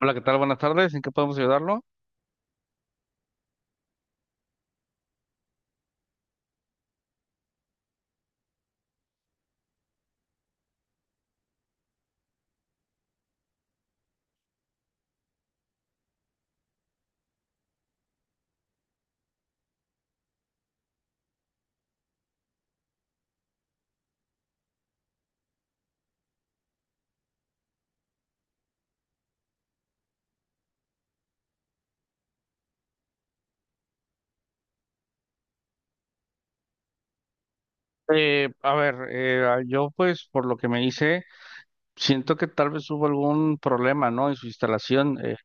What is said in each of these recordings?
Hola, ¿qué tal? Buenas tardes. ¿En qué podemos ayudarlo? Yo pues por lo que me hice, siento que tal vez hubo algún problema, ¿no? En su instalación.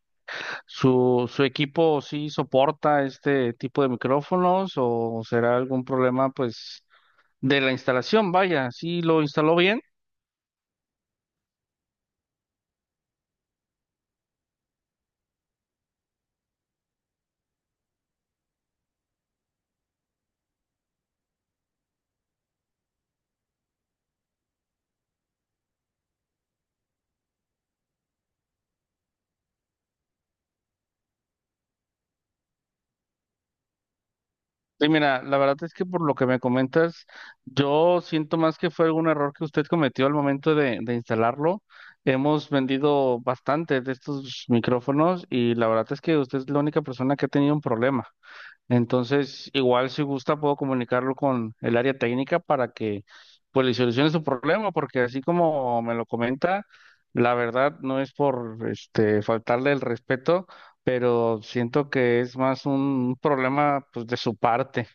¿su equipo sí soporta este tipo de micrófonos o será algún problema pues de la instalación? Vaya, ¿sí lo instaló bien? Y mira, la verdad es que por lo que me comentas, yo siento más que fue algún error que usted cometió al momento de instalarlo. Hemos vendido bastante de estos micrófonos y la verdad es que usted es la única persona que ha tenido un problema. Entonces, igual si gusta, puedo comunicarlo con el área técnica para que pues le solucione su problema, porque así como me lo comenta, la verdad no es por este faltarle el respeto, pero siento que es más un problema pues de su parte.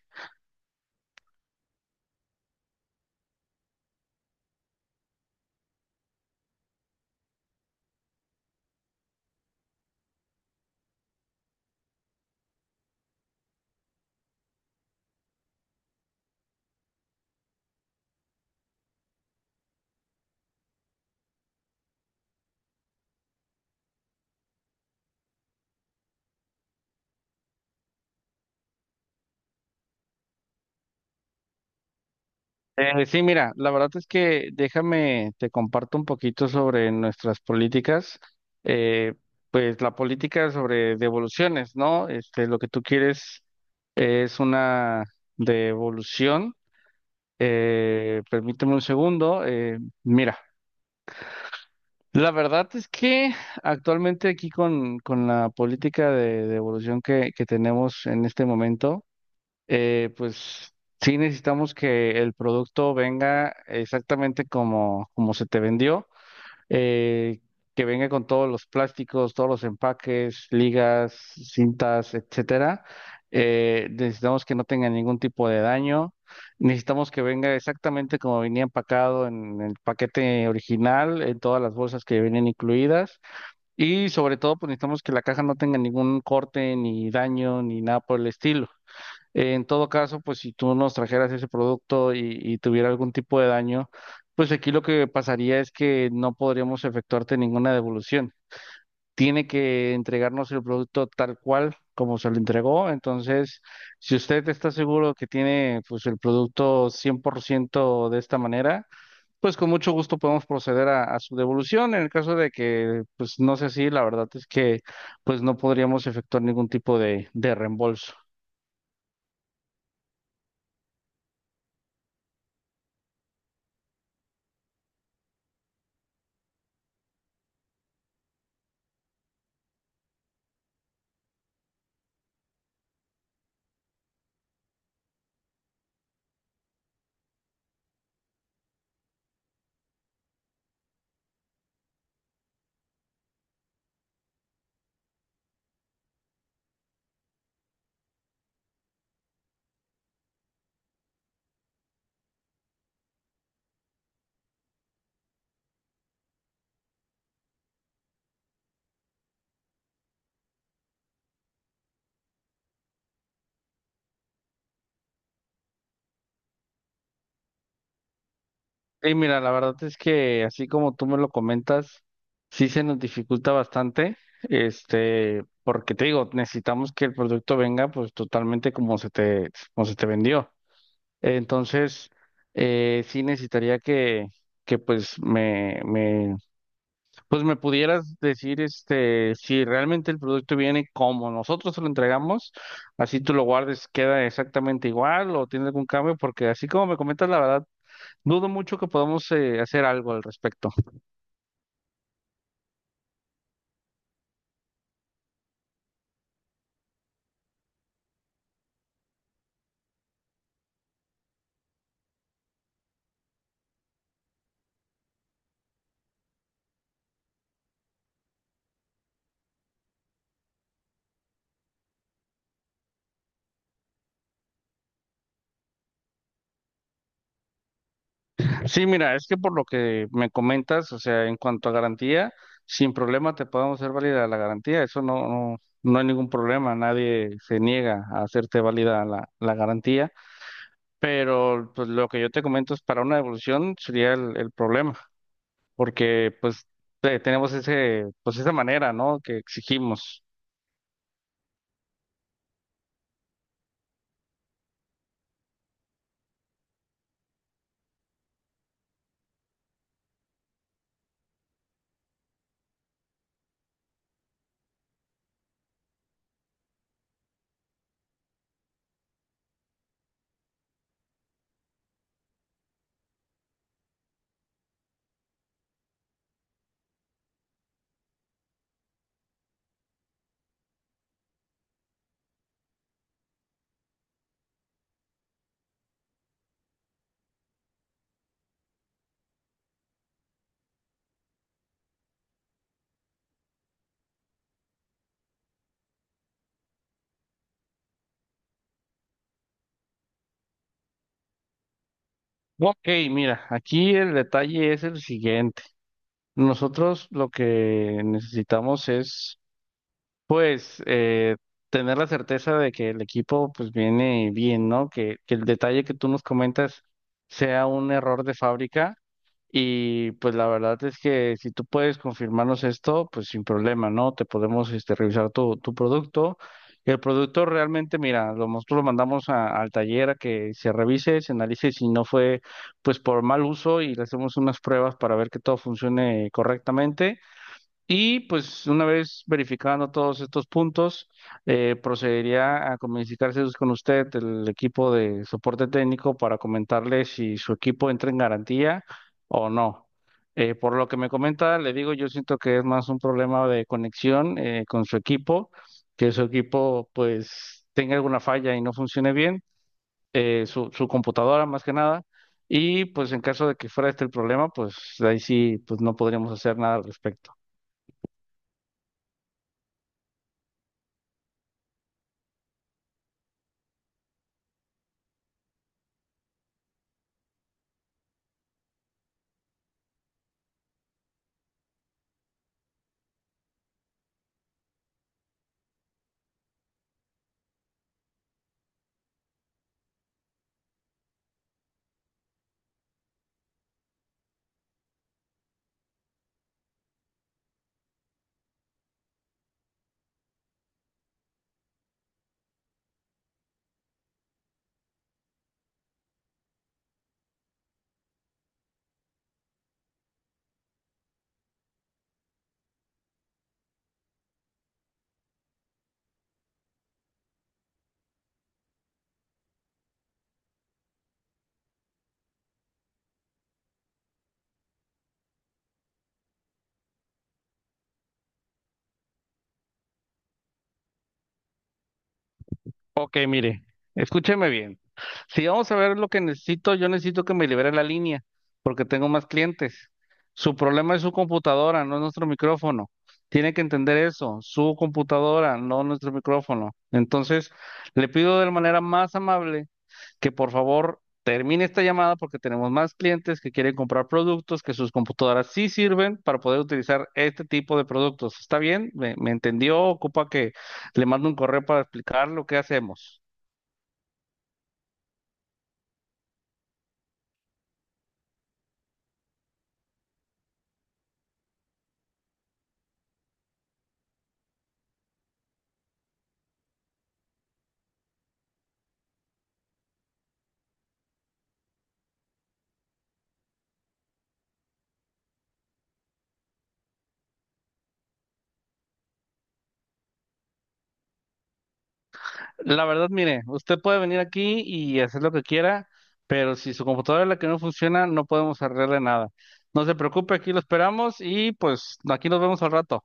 Sí, mira, la verdad es que déjame, te comparto un poquito sobre nuestras políticas, eh, pues la política sobre devoluciones, ¿no? Este, lo que tú quieres es una devolución. Permíteme un segundo. Mira, la verdad es que actualmente aquí con la política de devolución que tenemos en este momento, pues sí necesitamos que el producto venga exactamente como, como se te vendió, eh, que venga con todos los plásticos, todos los empaques, ligas, cintas, etcétera. Necesitamos que no tenga ningún tipo de daño. Necesitamos que venga exactamente como venía empacado en el paquete original, en todas las bolsas que vienen incluidas. Y sobre todo, pues necesitamos que la caja no tenga ningún corte, ni daño, ni nada por el estilo. En todo caso, pues si tú nos trajeras ese producto y tuviera algún tipo de daño, pues aquí lo que pasaría es que no podríamos efectuarte ninguna devolución. Tiene que entregarnos el producto tal cual como se lo entregó. Entonces, si usted está seguro que tiene pues el producto 100% de esta manera, pues con mucho gusto podemos proceder a su devolución. En el caso de que pues no sea así, la verdad es que pues no podríamos efectuar ningún tipo de reembolso. Y mira, la verdad es que así como tú me lo comentas, sí se nos dificulta bastante, este, porque te digo, necesitamos que el producto venga pues totalmente como se te vendió. Entonces, sí necesitaría que pues pues me pudieras decir este, si realmente el producto viene como nosotros se lo entregamos, así tú lo guardes, queda exactamente igual o tiene algún cambio, porque así como me comentas, la verdad. Dudo mucho que podamos hacer algo al respecto. Sí, mira, es que por lo que me comentas, o sea, en cuanto a garantía, sin problema te podemos hacer válida la garantía. Eso no, no, no hay ningún problema. Nadie se niega a hacerte válida la garantía. Pero pues lo que yo te comento es para una devolución sería el problema, porque pues tenemos ese, pues esa manera, ¿no? Que exigimos. Ok, mira, aquí el detalle es el siguiente. Nosotros lo que necesitamos es pues tener la certeza de que el equipo pues viene bien, ¿no? Que el detalle que tú nos comentas sea un error de fábrica y pues la verdad es que si tú puedes confirmarnos esto, pues sin problema, ¿no? Te podemos este, revisar tu producto. El producto realmente, mira, lo, nosotros lo mandamos al taller a que se revise, se analice si no fue pues por mal uso y le hacemos unas pruebas para ver que todo funcione correctamente. Y pues una vez verificando todos estos puntos, procedería a comunicarse pues, con usted, el equipo de soporte técnico, para comentarle si su equipo entra en garantía o no. Por lo que me comenta, le digo, yo siento que es más un problema de conexión con su equipo, que su equipo pues tenga alguna falla y no funcione bien, su computadora más que nada. Y pues en caso de que fuera este el problema, pues ahí sí, pues no podríamos hacer nada al respecto. Ok, mire, escúcheme bien. Si vamos a ver lo que necesito, yo necesito que me libere la línea, porque tengo más clientes. Su problema es su computadora, no es nuestro micrófono. Tiene que entender eso, su computadora, no nuestro micrófono. Entonces, le pido de la manera más amable que por favor termine esta llamada porque tenemos más clientes que quieren comprar productos, que sus computadoras sí sirven para poder utilizar este tipo de productos. ¿Está bien? ¿Me entendió? Ocupa que le mando un correo para explicar lo que hacemos. La verdad, mire, usted puede venir aquí y hacer lo que quiera, pero si su computadora es la que no funciona, no podemos arreglarle nada. No se preocupe, aquí lo esperamos y pues aquí nos vemos al rato.